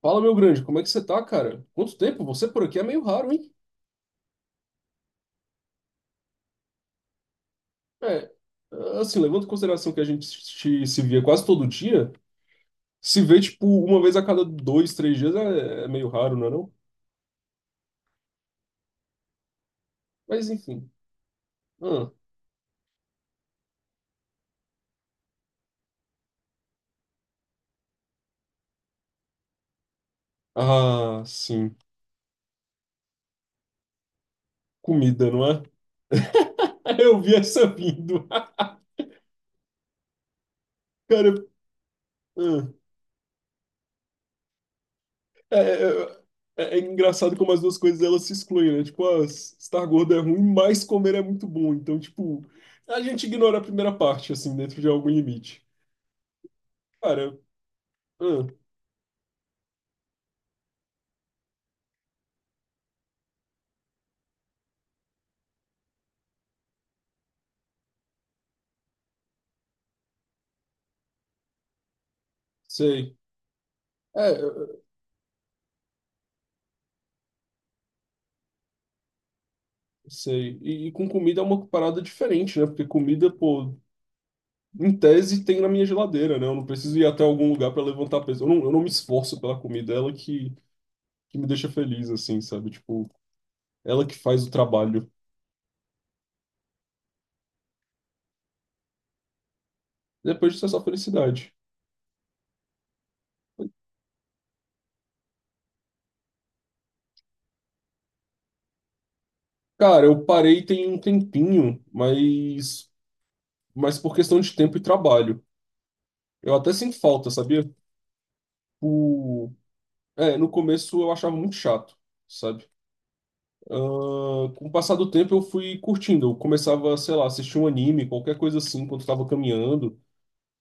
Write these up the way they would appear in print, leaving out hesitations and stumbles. Fala, meu grande, como é que você tá, cara? Quanto tempo? Você por aqui é meio raro, hein? É, assim, levando em consideração que a gente se via quase todo dia, se vê, tipo, uma vez a cada dois, três dias é meio raro, não é não? Mas, enfim. Ah, ah, sim. Comida, não é? Eu vi essa vindo. Cara, ah. é, é, é engraçado como as duas coisas, elas se excluem, né? Tipo, ah, estar gordo é ruim, mas comer é muito bom. Então, tipo, a gente ignora a primeira parte, assim, dentro de algum limite. Cara, ah, sei. É, eu sei. E com comida é uma parada diferente, né? Porque comida, pô, em tese tem na minha geladeira, né? Eu não preciso ir até algum lugar pra levantar peso. Eu não me esforço pela comida, é ela que me deixa feliz, assim, sabe? Tipo, ela que faz o trabalho. Depois disso é só felicidade. Cara, eu parei tem um tempinho, mas por questão de tempo e trabalho. Eu até sinto falta, sabia? O... É, no começo eu achava muito chato, sabe? Ah, com o passar do tempo eu fui curtindo. Eu começava, sei lá, assistir um anime, qualquer coisa assim, quando estava caminhando.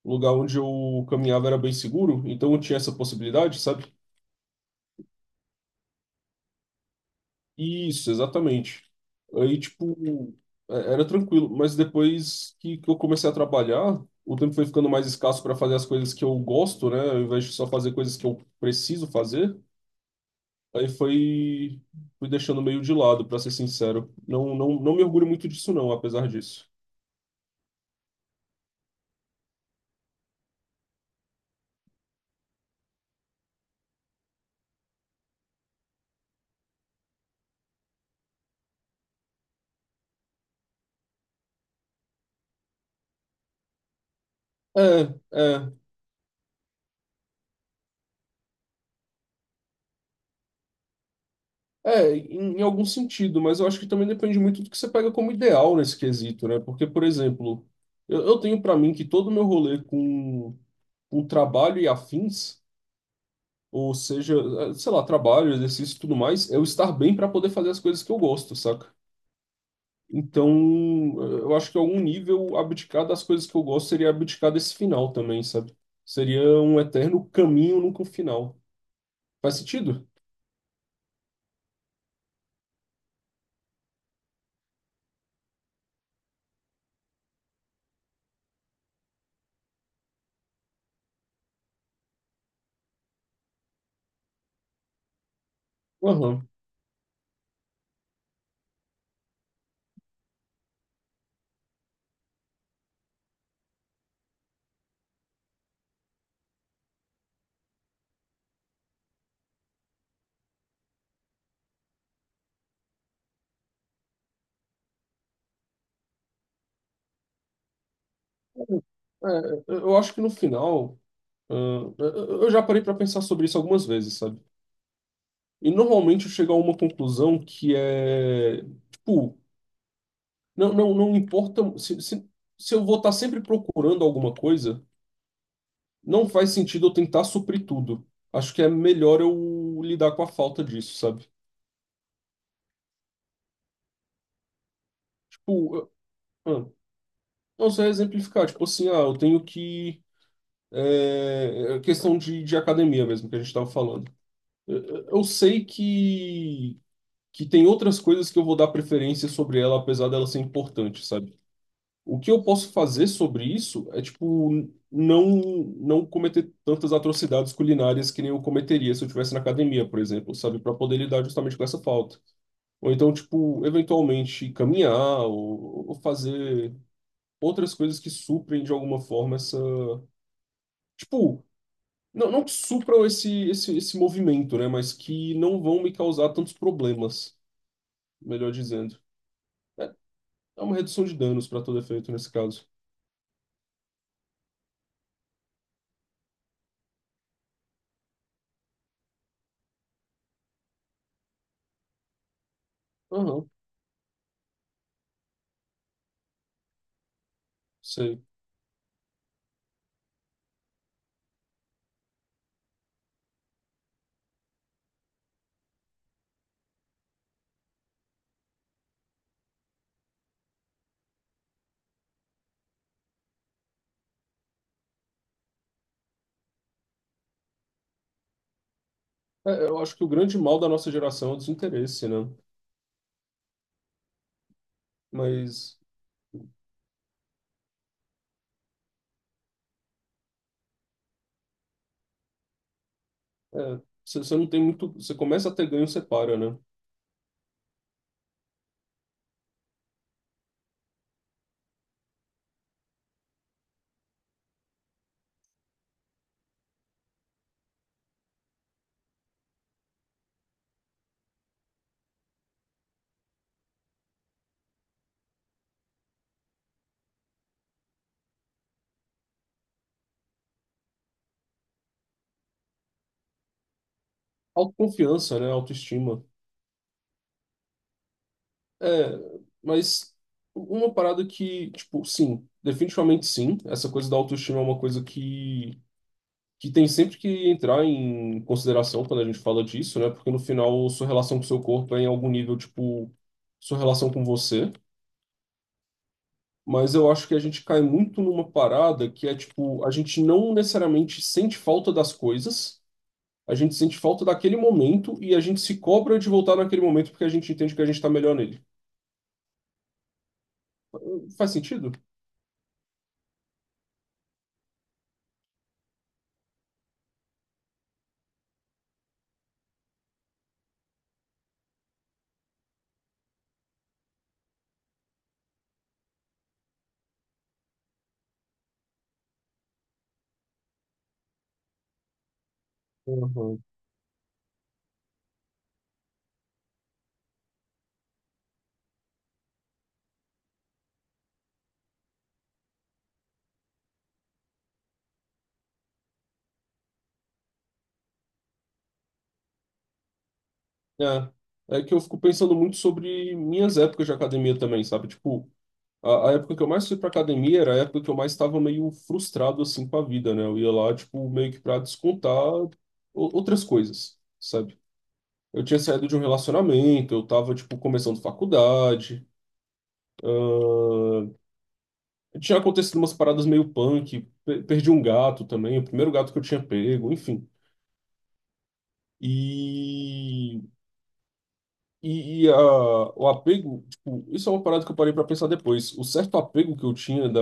O lugar onde eu caminhava era bem seguro, então eu tinha essa possibilidade, sabe? Isso, exatamente. Aí, tipo, era tranquilo. Mas depois que eu comecei a trabalhar, o tempo foi ficando mais escasso para fazer as coisas que eu gosto, né? Ao invés de só fazer coisas que eu preciso fazer. Aí foi, fui deixando meio de lado, para ser sincero. Não me orgulho muito disso, não, apesar disso. É, é. É, em algum sentido, mas eu acho que também depende muito do que você pega como ideal nesse quesito, né? Porque, por exemplo, eu tenho pra mim que todo o meu rolê com trabalho e afins, ou seja, sei lá, trabalho, exercício e tudo mais, é eu estar bem pra poder fazer as coisas que eu gosto, saca? Então, eu acho que em algum nível abdicar das coisas que eu gosto seria abdicar desse final também, sabe? Seria um eterno caminho, nunca um final. Faz sentido? Aham. É, eu acho que no final. Ah, eu já parei para pensar sobre isso algumas vezes, sabe? E normalmente eu chego a uma conclusão que é, tipo, não importa se eu vou estar sempre procurando alguma coisa, não faz sentido eu tentar suprir tudo. Acho que é melhor eu lidar com a falta disso, sabe? Tipo, eu- ah, não sei exemplificar, tipo assim, ah, eu tenho que é, é questão de academia mesmo que a gente estava falando. Eu sei que tem outras coisas que eu vou dar preferência sobre ela, apesar dela ser importante, sabe? O que eu posso fazer sobre isso é, tipo, não não cometer tantas atrocidades culinárias que nem eu cometeria se eu estivesse na academia, por exemplo, sabe? Para poder lidar justamente com essa falta. Ou então, tipo, eventualmente caminhar ou fazer outras coisas que suprem de alguma forma essa. Tipo, não, não que supram esse movimento, né? Mas que não vão me causar tantos problemas, melhor dizendo. É uma redução de danos para todo efeito nesse caso. Aham, sei. É, eu acho que o grande mal da nossa geração é o desinteresse, né? Mas é, você não tem muito. Você começa a ter ganho, você para, né? Autoconfiança, né? Autoestima. É, mas uma parada que, tipo, sim, definitivamente sim. Essa coisa da autoestima é uma coisa que tem sempre que entrar em consideração quando a gente fala disso, né? Porque no final, sua relação com o seu corpo é em algum nível, tipo, sua relação com você. Mas eu acho que a gente cai muito numa parada que é tipo, a gente não necessariamente sente falta das coisas, a gente sente falta daquele momento e a gente se cobra de voltar naquele momento porque a gente entende que a gente tá melhor nele. Faz sentido? Uhum. É. É que eu fico pensando muito sobre minhas épocas de academia também, sabe? Tipo, a época que eu mais fui pra academia era a época que eu mais estava meio frustrado assim com a vida, né? Eu ia lá, tipo, meio que pra outras coisas, sabe? Eu tinha saído de um relacionamento, eu tava, tipo, começando faculdade. Tinha acontecido umas paradas meio punk, perdi um gato também, o primeiro gato que eu tinha pego, enfim. E E, e a, o apego, tipo, isso é uma parada que eu parei pra pensar depois. O certo apego que eu tinha da,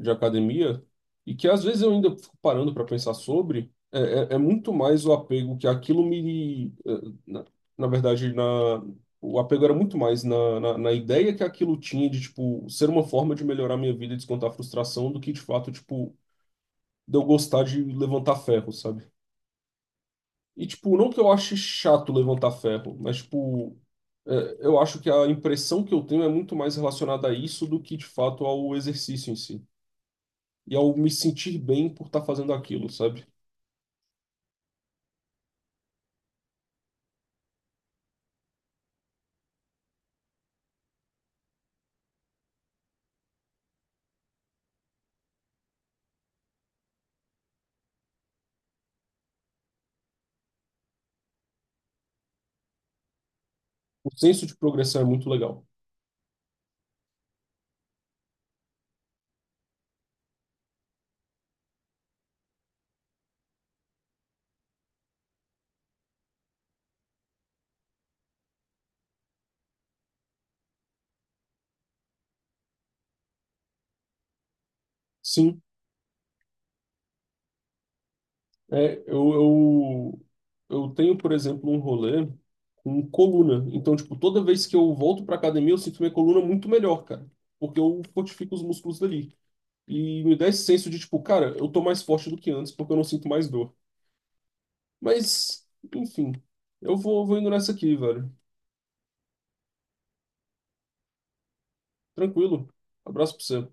de academia, e que às vezes eu ainda fico parando pra pensar sobre, é muito mais o apego que aquilo me. Eh, Na, na verdade, na, o apego era muito mais na, na ideia que aquilo tinha de, tipo, ser uma forma de melhorar minha vida e descontar a frustração do que, de fato, tipo, de eu gostar de levantar ferro, sabe? E, tipo, não que eu ache chato levantar ferro, mas, tipo, é, eu acho que a impressão que eu tenho é muito mais relacionada a isso do que, de fato, ao exercício em si. E ao me sentir bem por estar fazendo aquilo, sabe? O senso de progressão é muito legal. Sim, é, eu tenho, por exemplo, um rolê com coluna. Então, tipo, toda vez que eu volto pra academia, eu sinto minha coluna muito melhor, cara. Porque eu fortifico os músculos dali. E me dá esse senso de, tipo, cara, eu tô mais forte do que antes porque eu não sinto mais dor. Mas, enfim, eu vou, vou indo nessa aqui, velho. Tranquilo. Abraço pra você.